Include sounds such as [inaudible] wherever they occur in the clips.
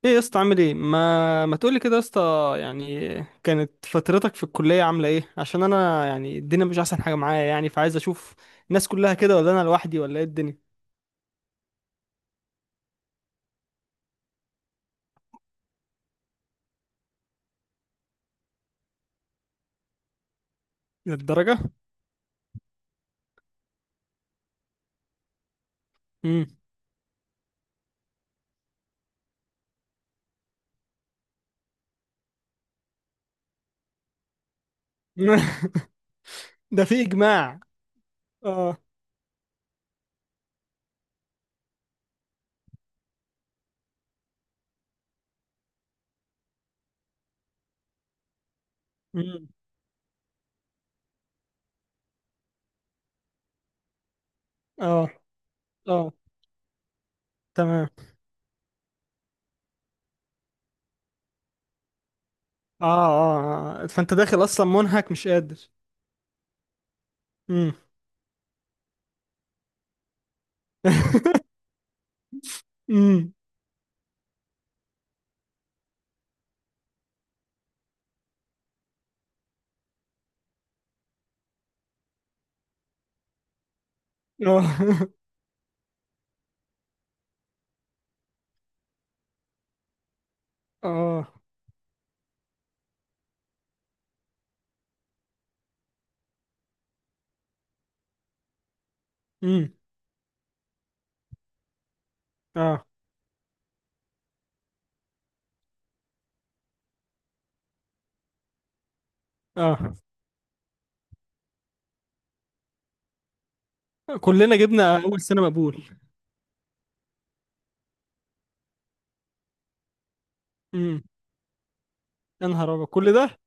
ايه يا اسطى؟ عامل ايه؟ ما تقولي كده يا اسطى يعني. كانت فترتك في الكلية عاملة ايه؟ عشان انا يعني الدنيا مش احسن حاجة معايا يعني، فعايز اشوف الناس كلها كده ولا انا لوحدي ولا ايه الدنيا. للدرجة؟ امم [laughs] ده في اجماع. اه. امم اه اه. تمام. اه اه آه. فانت داخل اصلا منهك مش قادر. امم [laughs] امم اه اه. امم اه اه. كلنا جبنا اول سنة مقبول. امم يا نهار ابيض كل ده!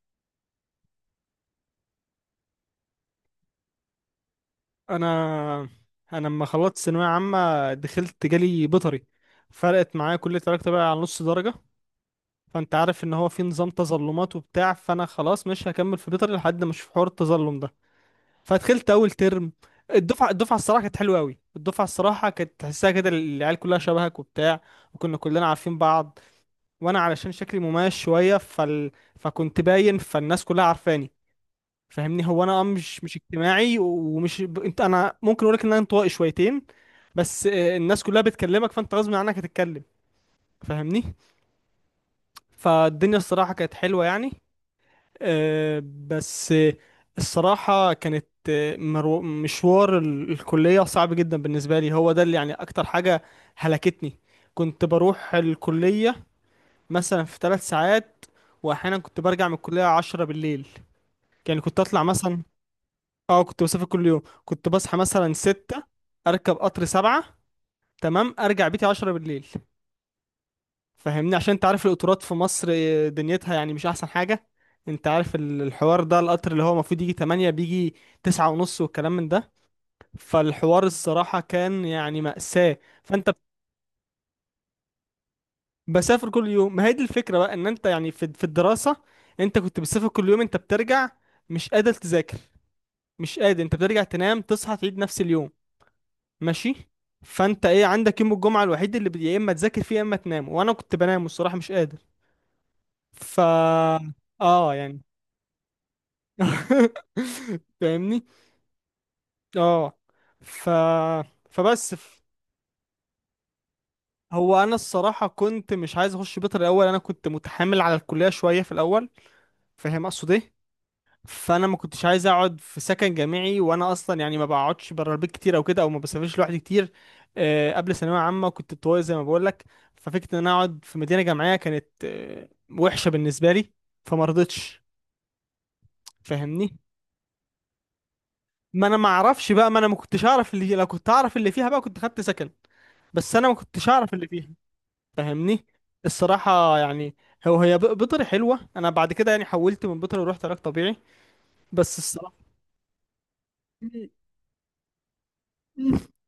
انا انا لما خلصت ثانويه عامه دخلت جالي بيطري، فرقت معايا كليه علاقه بقى على نص درجه. فانت عارف ان هو في نظام تظلمات وبتاع، فانا خلاص مش هكمل في بيطري لحد ما اشوف حوار التظلم ده. فدخلت اول ترم، الدفعه الصراحه كانت حلوه قوي، الدفعه الصراحه كانت تحسها كده العيال كلها شبهك وبتاع، وكنا كلنا عارفين بعض. وانا علشان شكلي مميز شويه فكنت باين، فالناس كلها عارفاني فاهمني. هو انا آه، مش اجتماعي ومش انت، انا ممكن اقول لك ان انا انطوائي شويتين، بس آه، الناس كلها بتكلمك، فانت غصب عنك هتتكلم فاهمني. فالدنيا الصراحة كانت حلوة يعني. آه، بس آه، الصراحة كانت آه، مشوار الكلية صعب جدا بالنسبة لي، هو ده اللي يعني اكتر حاجة هلكتني. كنت بروح الكلية مثلا في 3 ساعات، واحيانا كنت برجع من الكلية 10 بالليل. يعني كنت اطلع مثلا، اه، كنت بسافر كل يوم. كنت بصحى مثلا 6، اركب قطر 7، تمام، ارجع بيتي 10 بالليل. فاهمني؟ عشان انت عارف القطورات في مصر آه، دنيتها يعني مش احسن حاجة. انت عارف الحوار ده، القطر اللي هو المفروض يجي 8 بيجي 9:30 والكلام من ده. فالحوار الصراحة كان يعني مأساة. فانت بسافر كل يوم، ما هي دي الفكرة بقى، ان انت يعني في الدراسة، انت كنت بتسافر كل يوم، انت بترجع مش قادر تذاكر، مش قادر، انت بترجع تنام، تصحى، تعيد نفس اليوم ماشي. فانت ايه عندك؟ يوم الجمعه الوحيد اللي يا اما تذاكر فيه يا اما تنام، وانا كنت بنام الصراحه مش قادر. ف اه يعني. [laughs] فاهمني. اه. ف فبس ف... هو انا الصراحه كنت مش عايز اخش بيطري الاول، انا كنت متحامل على الكليه شويه في الاول، فاهم اقصد ايه؟ فانا ما كنتش عايز اقعد في سكن جامعي، وانا اصلا يعني ما بقعدش بره البيت كتير او كده، او ما بسافرش لوحدي كتير. آه، قبل ثانويه عامه كنت طويل زي ما بقول لك. ففكره ان انا اقعد في مدينه جامعيه كانت آه، وحشه بالنسبه لي، فما رضيتش. فاهمني؟ ما انا ما اعرفش بقى، ما انا ما كنتش اعرف اللي، لو كنت اعرف اللي فيها بقى كنت خدت سكن، بس انا ما كنتش اعرف اللي فيها فاهمني. الصراحه يعني. هو هي بيطري حلوه، انا بعد كده يعني حولت من بيطري ورحت علاج طبيعي، بس الصراحه. [laughs]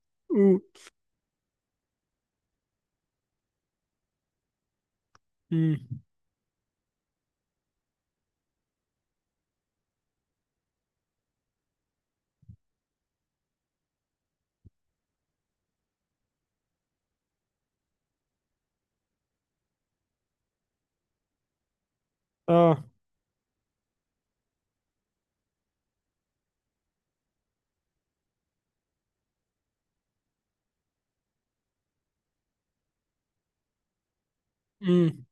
أمم. اه. امم.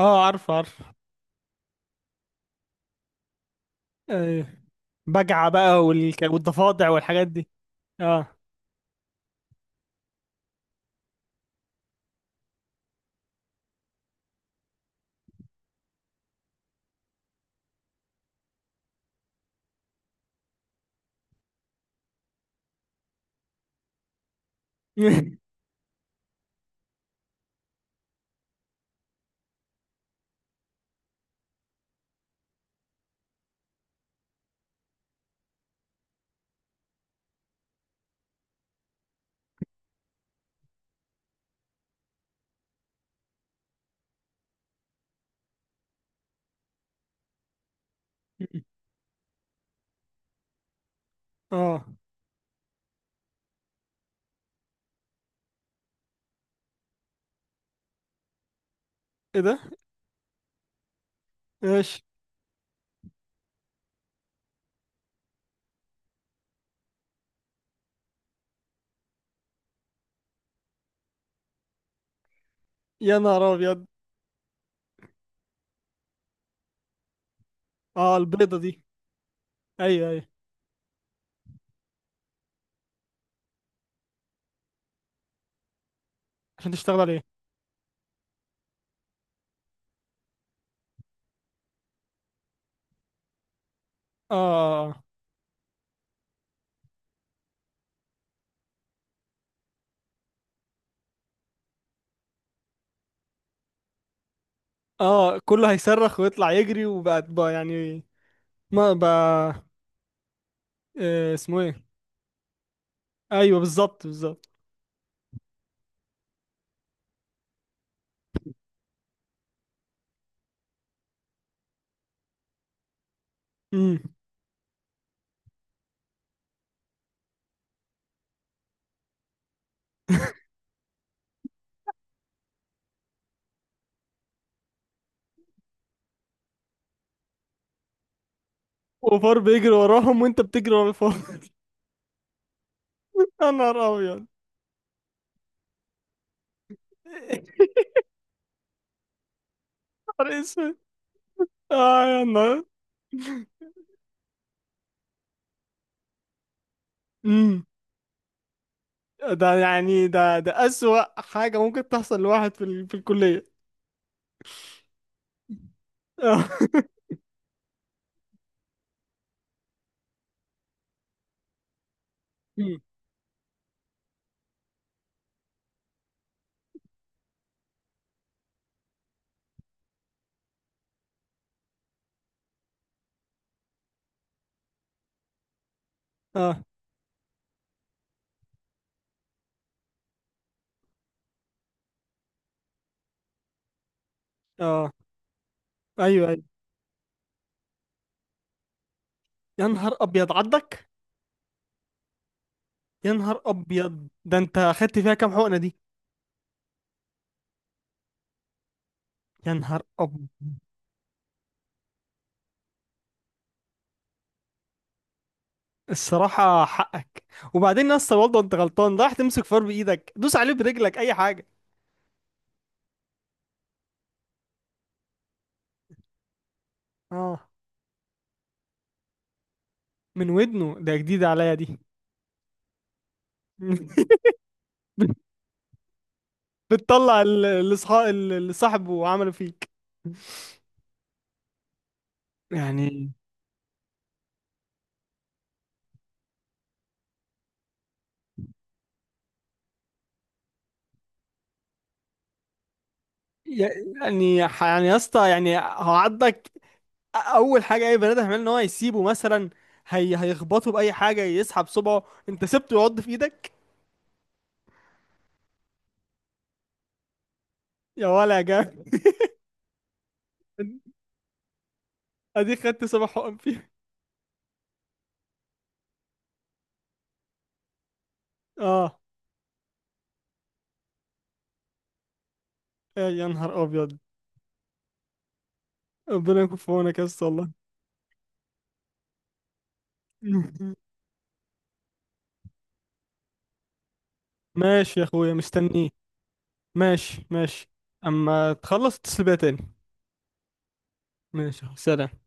اه. عارف عارف. ايوه، بجعة بقى والضفادع والحاجات دي. اه. [laughs] اه. ايه ده؟ ايش؟ يا نهار ابيض! اه البيضة دي. ايوه ايوه. عشان تشتغل عليه. اه اه. اه آه، كله هيصرخ ويطلع يجري وبقى يعني. ما بقى. إيه اسمه ايه. ايوه بالظبط بالظبط. امم [laughs] وفار بيجري وراهم وانت بتجري ورا الفار. [laughs] يا نهار ابيض! [laughs] يا نهار اسود! اه يا نهار. امم ده يعني، ده أسوأ حاجة ممكن تحصل لواحد في في الكلية. اه. [laughs] مم. اه. اه. ايوه ايوه. يا نهار ابيض عدك! يا نهار ابيض! ده انت اخدت فيها كام حقنه دي؟ يا نهار ابيض! الصراحه حقك. وبعدين يا اسطى برضه انت غلطان، رايح تمسك فار بايدك، دوس عليه برجلك، اي حاجه. اه، من ودنه ده جديده عليا دي. [laughs] بتطلع الاصحاب اللي صاحبه عمله فيك. يعني يعني يعني يا اسطى، يعني هو عضك، اول حاجه اي بني ادم هيعمل ان هو يسيبه مثلا، هي هيخبطه باي حاجه، يسحب صبعه، انت سبته يعض في ايدك. يا ولا يا جامد! [laughs] اديك خدت صبع حقن فيه. [laughs] اه. يا نهار ابيض! ربنا يكون في عونك يا اسطى والله. [laughs] ماشي يا اخويا مستنيه. ماشي ماشي. اما تخلص اتصل بيا تاني. ماشي سلام.